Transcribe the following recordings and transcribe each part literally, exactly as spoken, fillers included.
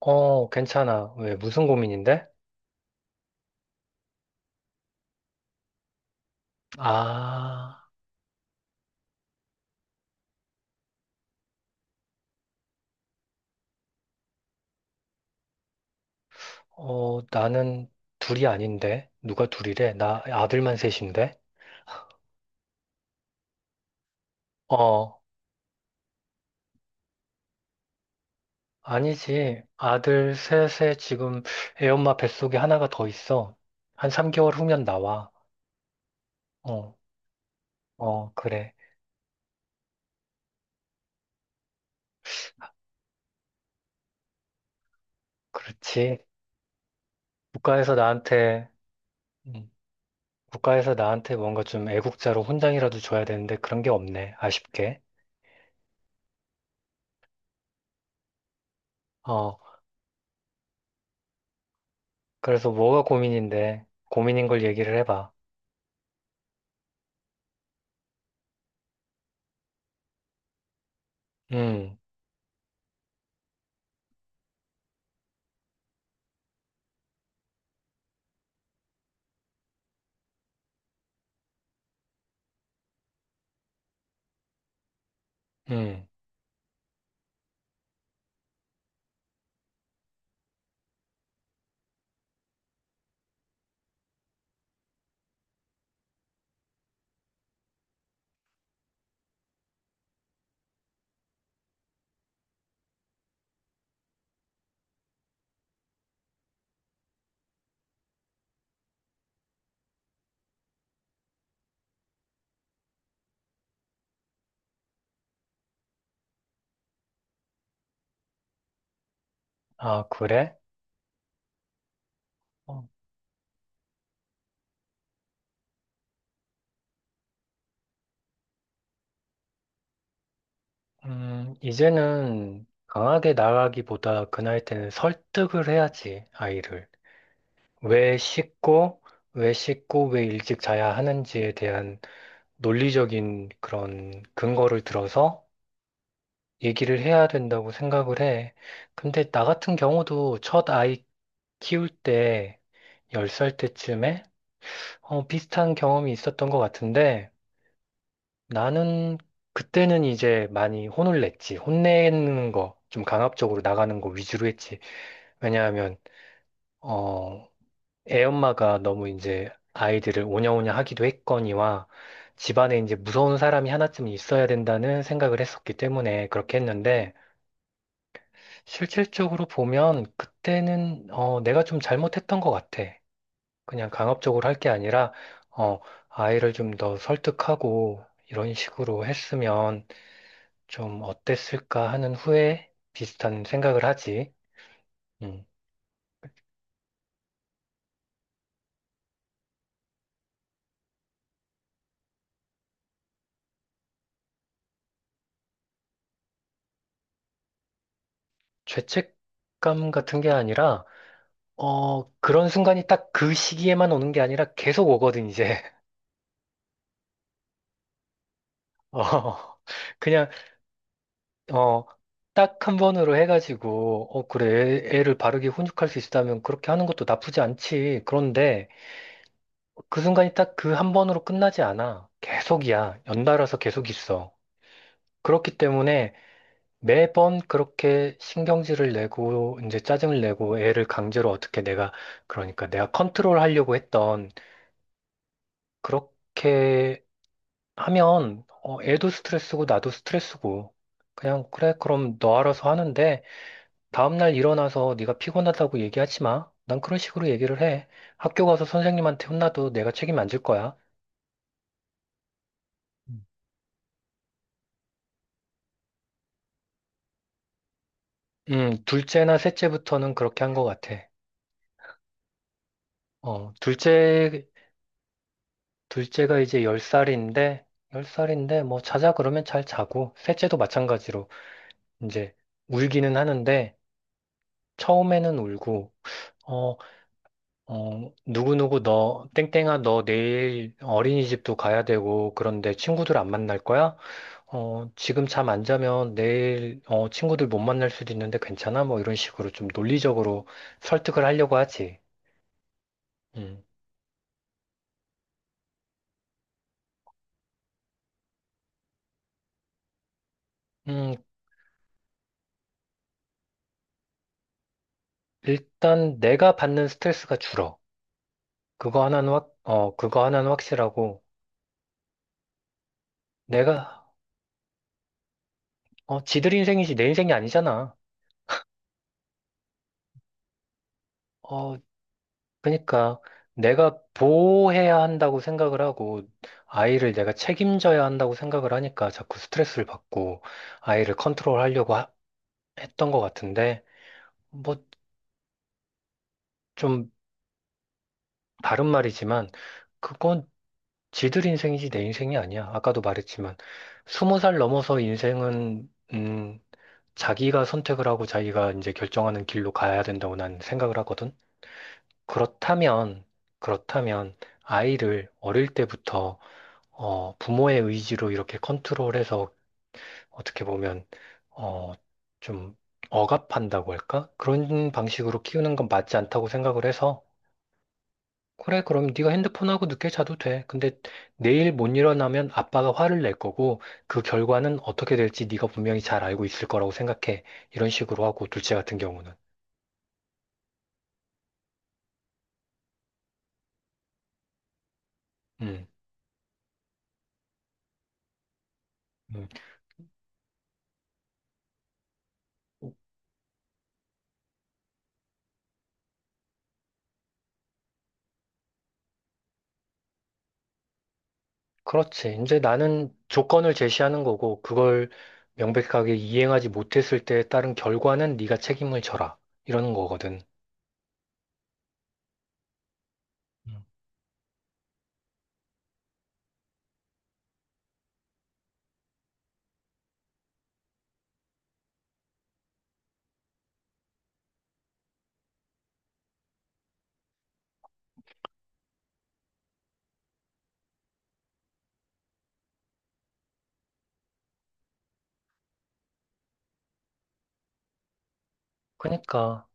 어, 괜찮아. 왜, 무슨 고민인데? 아, 어, 나는 둘이 아닌데. 누가 둘이래? 나 아들만 셋인데? 어, 아니지. 아들 셋에 지금 애 엄마 뱃속에 하나가 더 있어. 한 삼 개월 후면 나와. 어, 어, 그래. 그렇지. 국가에서 나한테, 음, 국가에서 나한테 뭔가 좀 애국자로 훈장이라도 줘야 되는데 그런 게 없네. 아쉽게. 어, 그래서 뭐가 고민인데? 고민인 걸 얘기를 해봐. 음. 음. 아, 그래? 어, 음, 이제는 강하게 나가기보다 그 나이 때는 설득을 해야지, 아이를. 왜 씻고, 왜 씻고, 왜 일찍 자야 하는지에 대한 논리적인 그런 근거를 들어서 얘기를 해야 된다고 생각을 해. 근데 나 같은 경우도 첫 아이 키울 때, 열 살 때쯤에 어, 비슷한 경험이 있었던 것 같은데, 나는 그때는 이제 많이 혼을 냈지. 혼내는 거, 좀 강압적으로 나가는 거 위주로 했지. 왜냐하면, 어, 애 엄마가 너무 이제 아이들을 오냐오냐 하기도 했거니와 집안에 이제 무서운 사람이 하나쯤 있어야 된다는 생각을 했었기 때문에 그렇게 했는데 실질적으로 보면 그때는 어, 내가 좀 잘못했던 것 같아. 그냥 강압적으로 할 게 아니라 어, 아이를 좀 더 설득하고 이런 식으로 했으면 좀 어땠을까 하는 후에 비슷한 생각을 하지. 음, 죄책감 같은 게 아니라, 어, 그런 순간이 딱 그 시기에만 오는 게 아니라 계속 오거든, 이제. 어, 그냥, 어, 딱 한 번으로 해가지고, 어, 그래, 애- 애를 바르게 훈육할 수 있다면 그렇게 하는 것도 나쁘지 않지. 그런데 그 순간이 딱 그 한 번으로 끝나지 않아. 계속이야. 연달아서 계속 있어. 그렇기 때문에 매번 그렇게 신경질을 내고 이제 짜증을 내고 애를 강제로 어떻게 내가 그러니까 내가 컨트롤하려고 했던 그렇게 하면 어, 애도 스트레스고 나도 스트레스고 그냥 그래 그럼 너 알아서 하는데 다음날 일어나서 네가 피곤하다고 얘기하지 마. 난 그런 식으로 얘기를 해. 학교 가서 선생님한테 혼나도 내가 책임 안 질 거야. 음, 둘째나 셋째부터는 그렇게 한 것 같아. 어, 둘째 둘째가 이제 열 살인데, 열 살인데 뭐, 자자 그러면 잘 자고, 셋째도 마찬가지로, 이제, 울기는 하는데, 처음에는 울고, 어, 어, 누구누구 너, 땡땡아, 너 내일 어린이집도 가야 되고, 그런데 친구들 안 만날 거야? 어, 지금 잠 안 자면 내일, 어, 친구들 못 만날 수도 있는데 괜찮아? 뭐, 이런 식으로 좀 논리적으로 설득을 하려고 하지. 음, 음, 일단 내가 받는 스트레스가 줄어. 그거 하나는 확, 어, 그거 하나는 확실하고, 내가, 어, 지들 인생이지 내 인생이 아니잖아. 어, 그러니까 내가 보호해야 한다고 생각을 하고, 아이를 내가 책임져야 한다고 생각을 하니까 자꾸 스트레스를 받고, 아이를 컨트롤하려고 하- 했던 것 같은데, 뭐, 좀 다른 말이지만, 그건 지들 인생이지 내 인생이 아니야. 아까도 말했지만, 스무 살 넘어서 인생은, 음, 자기가 선택을 하고 자기가 이제 결정하는 길로 가야 된다고 난 생각을 하거든. 그렇다면, 그렇다면 아이를 어릴 때부터 어, 부모의 의지로 이렇게 컨트롤해서 어떻게 보면 어, 좀 억압한다고 할까? 그런 방식으로 키우는 건 맞지 않다고 생각을 해서 그래, 그럼 네가 핸드폰하고 늦게 자도 돼. 근데 내일 못 일어나면 아빠가 화를 낼 거고 그 결과는 어떻게 될지 네가 분명히 잘 알고 있을 거라고 생각해. 이런 식으로 하고 둘째 같은 경우는. 음, 음. 그렇지. 이제 나는 조건을 제시하는 거고, 그걸 명백하게 이행하지 못했을 때에 따른 결과는 네가 책임을 져라. 이러는 거거든. 음. 그러니까,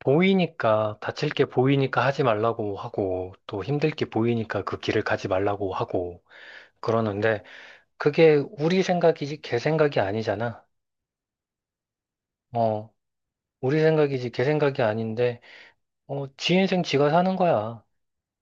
보이니까, 다칠 게 보이니까 하지 말라고 하고, 또 힘들 게 보이니까 그 길을 가지 말라고 하고, 그러는데, 그게 우리 생각이지, 걔 생각이 아니잖아. 어, 우리 생각이지, 걔 생각이 아닌데, 어, 지 인생 지가 사는 거야.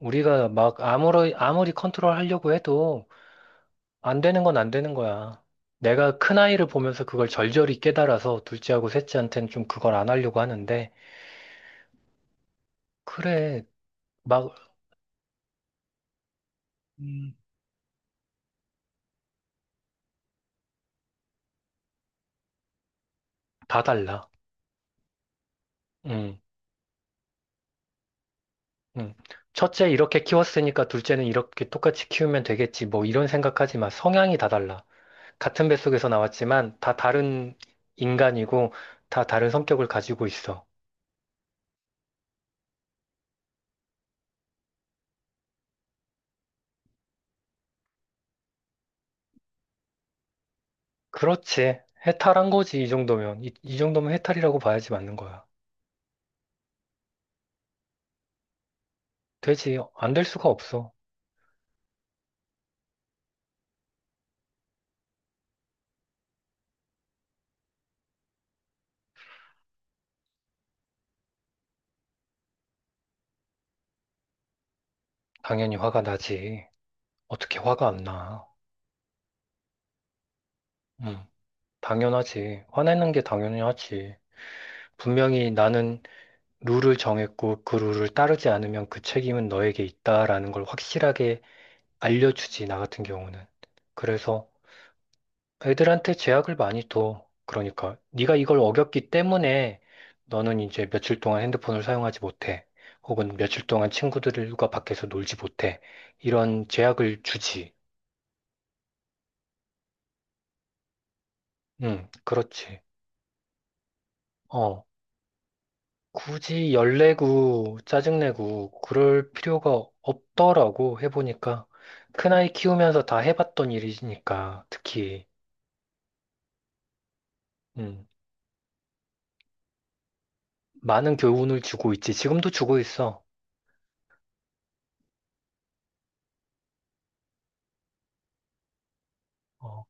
우리가 막 아무리, 아무리 컨트롤 하려고 해도, 안 되는 건 안 되는 거야. 내가 큰아이를 보면서 그걸 절절히 깨달아서 둘째하고 셋째한테는 좀 그걸 안 하려고 하는데, 그래, 막, 음, 다 달라. 음, 음. 첫째 이렇게 키웠으니까 둘째는 이렇게 똑같이 키우면 되겠지. 뭐 이런 생각하지 마. 성향이 다 달라. 같은 뱃속에서 나왔지만 다 다른 인간이고 다 다른 성격을 가지고 있어. 그렇지. 해탈한 거지, 이 정도면. 이, 이 정도면 해탈이라고 봐야지 맞는 거야. 되지. 안 될 수가 없어. 당연히 화가 나지. 어떻게 화가 안 나? 응, 당연하지. 화내는 게 당연히 하지. 분명히 나는 룰을 정했고 그 룰을 따르지 않으면 그 책임은 너에게 있다라는 걸 확실하게 알려주지, 나 같은 경우는. 그래서 애들한테 제약을 많이 둬. 그러니까 네가 이걸 어겼기 때문에 너는 이제 며칠 동안 핸드폰을 사용하지 못해. 혹은 며칠 동안 친구들과 밖에서 놀지 못해. 이런 제약을 주지. 응, 그렇지. 어 굳이 열내고 짜증내고 그럴 필요가 없더라고 해보니까 큰아이 키우면서 다 해봤던 일이니까 특히 음, 많은 교훈을 주고 있지 지금도 주고 있어 어,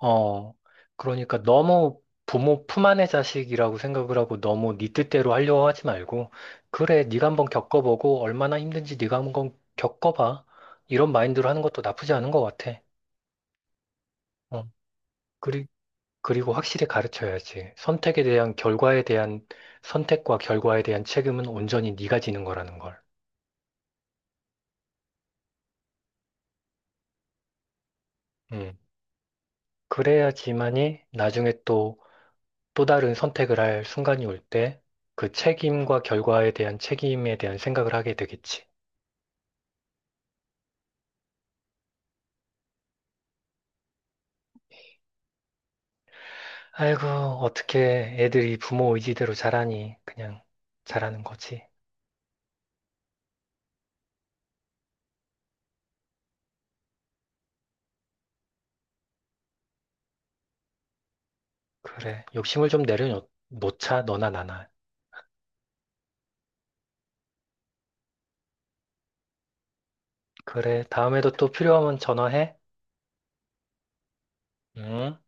어, 그러니까 너무 부모 품 안의 자식이라고 생각을 하고 너무 네 뜻대로 하려고 하지 말고 그래 네가 한번 겪어보고 얼마나 힘든지 네가 한번 겪어봐 이런 마인드로 하는 것도 나쁘지 않은 것 같아 어, 그리- 그리고 확실히 가르쳐야지. 선택에 대한 결과에 대한 선택과 결과에 대한 책임은 온전히 네가 지는 거라는 걸. 음. 그래야지만이 나중에 또 또 다른 선택을 할 순간이 올 때 그 책임과 결과에 대한 책임에 대한 생각을 하게 되겠지. 아이고, 어떻게 애들이 부모 의지대로 자라니. 그냥 자라는 거지. 그래. 욕심을 좀 내려놓자, 너나 나나. 그래. 다음에도 또 필요하면 전화해. 음.